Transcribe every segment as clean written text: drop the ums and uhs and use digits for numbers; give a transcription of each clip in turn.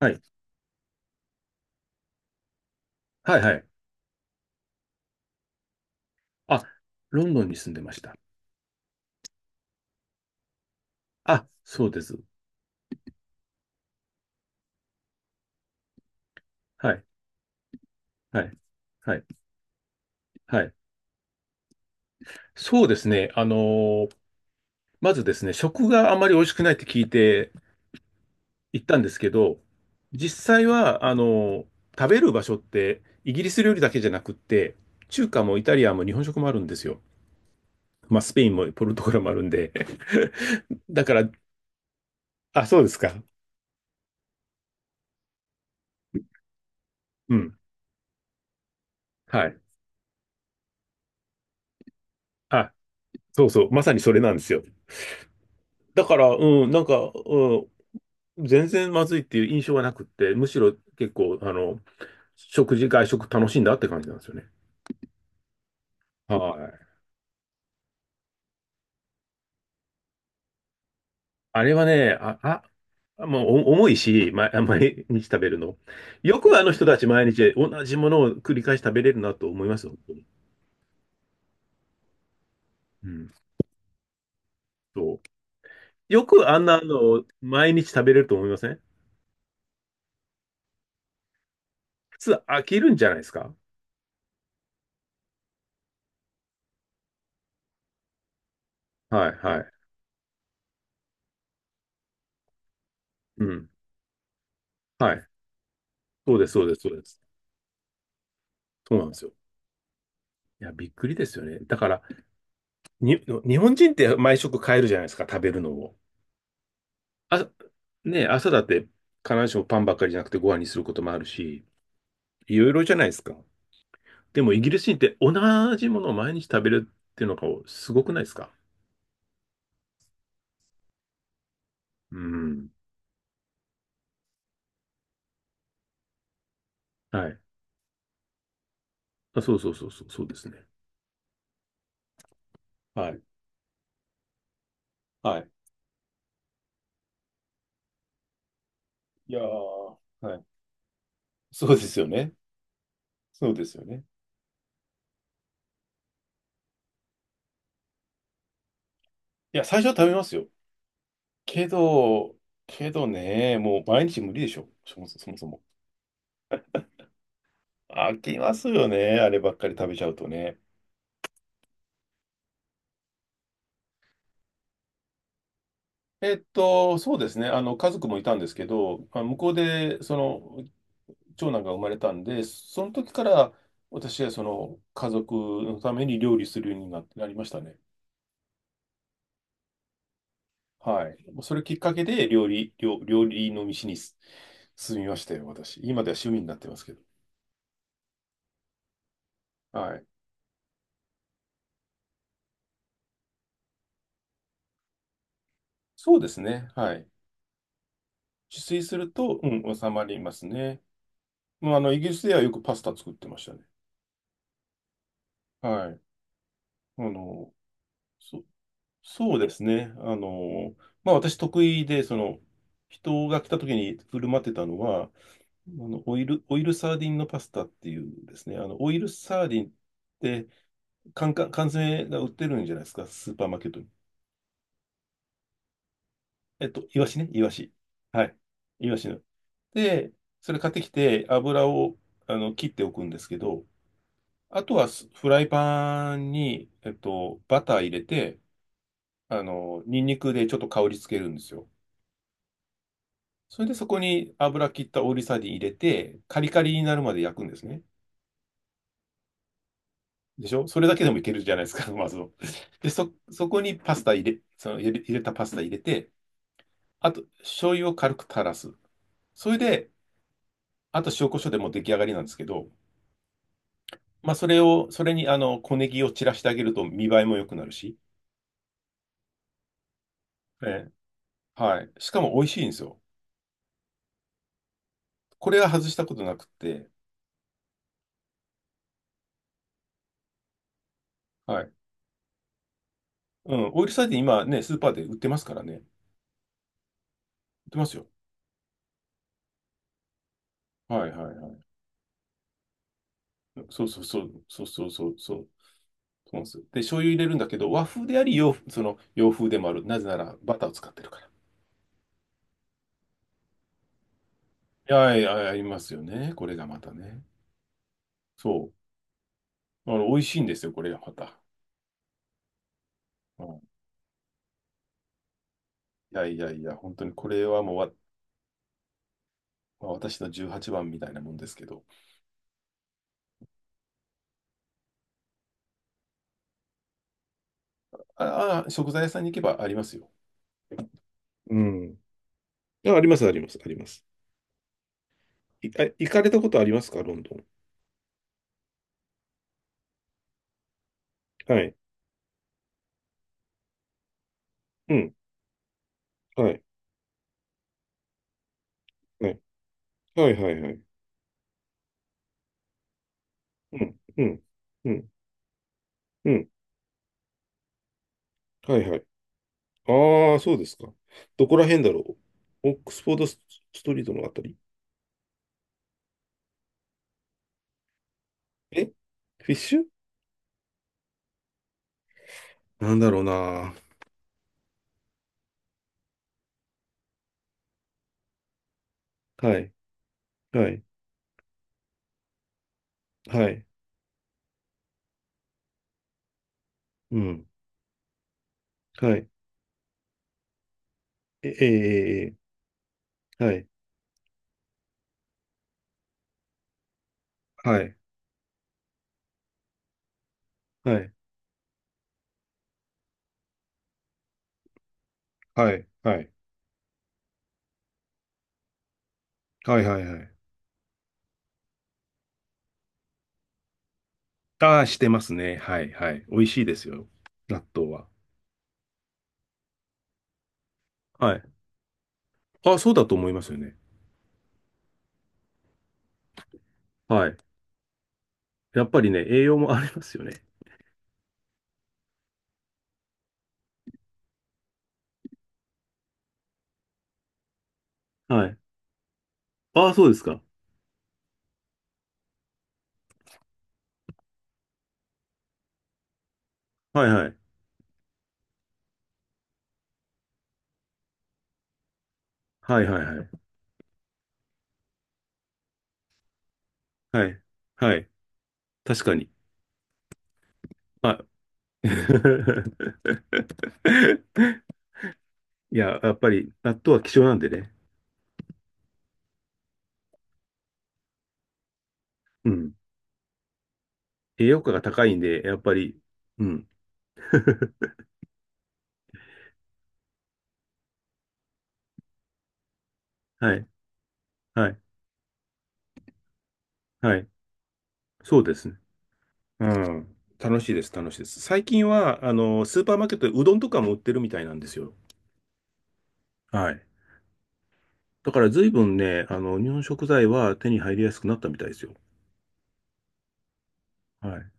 はい。はいはい。あ、ロンドンに住んでました。あ、そうです。はい。はい。はい。はい。そうですね。ーまずですね、食があまり美味しくないって聞いて行ったんですけど、実際は、ー食べる場所って、イギリス料理だけじゃなくって、中華もイタリアンも日本食もあるんですよ。まあ、スペインもポルトガルもあるんで。だから、あ、そうですか。うん。はい。あ、そうそう。まさにそれなんですよ。だから、うん、なんか、うん、全然まずいっていう印象はなくって、むしろ結構、外食楽しんだって感じなんですよね。はい。あれはね、もうお重いし、ま、毎日食べるの。よくあの人たち毎日同じものを繰り返し食べれるなと思いますよ。本当に。うん。そう。よくあんなの毎日食べれると思いません？普通飽きるんじゃないですか？はい、はい。うん。はい。そうです、そうです、そうです。そうなんですよ。いや、びっくりですよね。だから、に、日本人って毎食変えるじゃないですか、食べるのを。あ、ねえ、朝だって必ずしもパンばっかりじゃなくてご飯にすることもあるし、いろいろじゃないですか。でもイギリス人って同じものを毎日食べるっていうのがすごくないですか？うん。はい。あ、そうそうそうそう、そうですね。はい。はい。いやー、はい。そうですよね。そうですよね。いや、最初は食べますよ。けど、けどね、もう毎日無理でしょ。そもそも。飽きますよね。あればっかり食べちゃうとね。そうですね。家族もいたんですけど、まあ向こうで、長男が生まれたんで、その時から、私は家族のために料理するようになりましたね。はい。それきっかけで、料理の道に進みましたよ、私。今では趣味になってますけど。はい。そうですね。はい。自炊すると、うん、収まりますね。もう、イギリスではよくパスタ作ってましたね。はい。あの、そそうですね。まあ私得意で、人が来た時に振る舞ってたのは、オイルサーディンのパスタっていうですね、オイルサーディンって缶詰が売ってるんじゃないですか、スーパーマーケットに。イワシね、イワシ。はい。イワシの。で、それ買ってきて、油を、切っておくんですけど、あとはフライパンに、バター入れて、ニンニクでちょっと香りつけるんですよ。それでそこに油切ったオーリーサーディン入れて、カリカリになるまで焼くんですね。でしょ？それだけでもいけるじゃないですか、まずは。で、そこにパスタ入れ、その入れ、入れたパスタ入れて、あと、醤油を軽く垂らす。それで、あと塩コショウでもう出来上がりなんですけど、まあ、それに小ネギを散らしてあげると見栄えも良くなるし、ええ、はい。しかも美味しいんですよ。これは外したことなくって、はい。うん、オイルサーディン今ね、スーパーで売ってますからね。売ってますよ。はいはい。そうそうそう、そうそうそう、そう、そうなんですよ。で、醤油入れるんだけど、和風であり洋、その洋風でもある。なぜならバターを使ってるから。いやいや、ありますよね。これがまたね。そう。美味しいんですよ、これがまた。うん、いやいやいや、本当にこれはもうまあ私の18番みたいなもんですけど。ああ、食材屋さんに行けばありますよ。うん。あ、あります、あります、あります。行かれたことありますか、ロンドン？はい。うん。はい。はい。はい、はい、はい。うん。うん。うん。うん。はい、はい。ああ、そうですか。どこら辺だろう。オックスフォードストリートのあたり。えフィッシュなんだろうな。はい。はい。はい。うん。はい。え、えーえー、えーはい。はい。はい。はい。はい。はい。はい。はい。ああ、してますね。はい。はい。美味しいですよ。納豆は。はい。ああ、そうだと思いますよね。はい。やっぱりね、栄養もありますよね。はい。ああ、そうですか。はいはい。はいはいはい。はい。はい。確かに。はい。いや、やっぱり、納豆は希少なんでね。うん。栄養価が高いんで、やっぱり、うん。はい、はい、はい。そうですね。うん。楽しいです、楽しいです。最近は、スーパーマーケットでうどんとかも売ってるみたいなんですよ。はい。だから随分ね、日本食材は手に入りやすくなったみたいですよ。はい。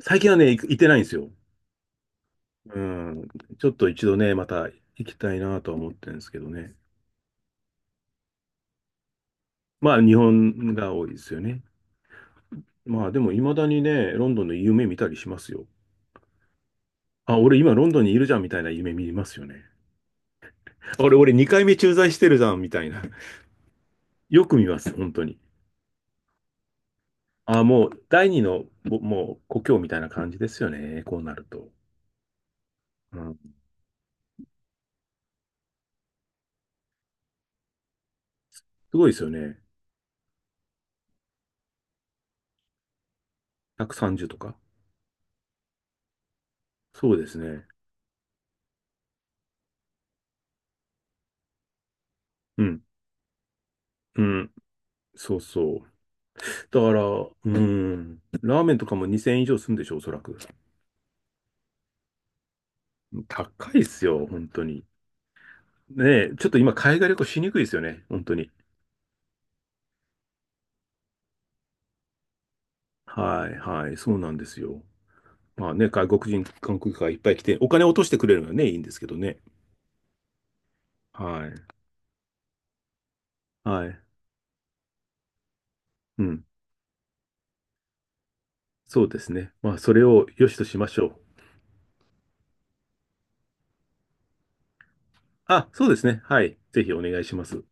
最近はね、行ってないんですよ。うん。ちょっと一度ね、また行きたいなとは思ってるんですけどね。まあ、日本が多いですよね。まあでも未だにね、ロンドンの夢見たりしますよ。あ、俺今ロンドンにいるじゃんみたいな夢見ますよね。俺2回目駐在してるじゃんみたいな。よく見ます、本当に。あ、もう第二の、もう故郷みたいな感じですよね。こうなると。うん。すごいですよね。130とか。そうですね。うん。うん。そうそう。だから、うん。ラーメンとかも2000円以上するんでしょ、おそらく。高いっすよ、本当に。ねえ、ちょっと今海外旅行しにくいですよね、本当に。はいはい、そうなんですよ。まあね、外国人観光客がいっぱい来て、お金を落としてくれるのはね、いいんですけどね。はい。はい。うん。そうですね。まあ、それを良しとしましょう。あ、そうですね。はい。ぜひお願いします。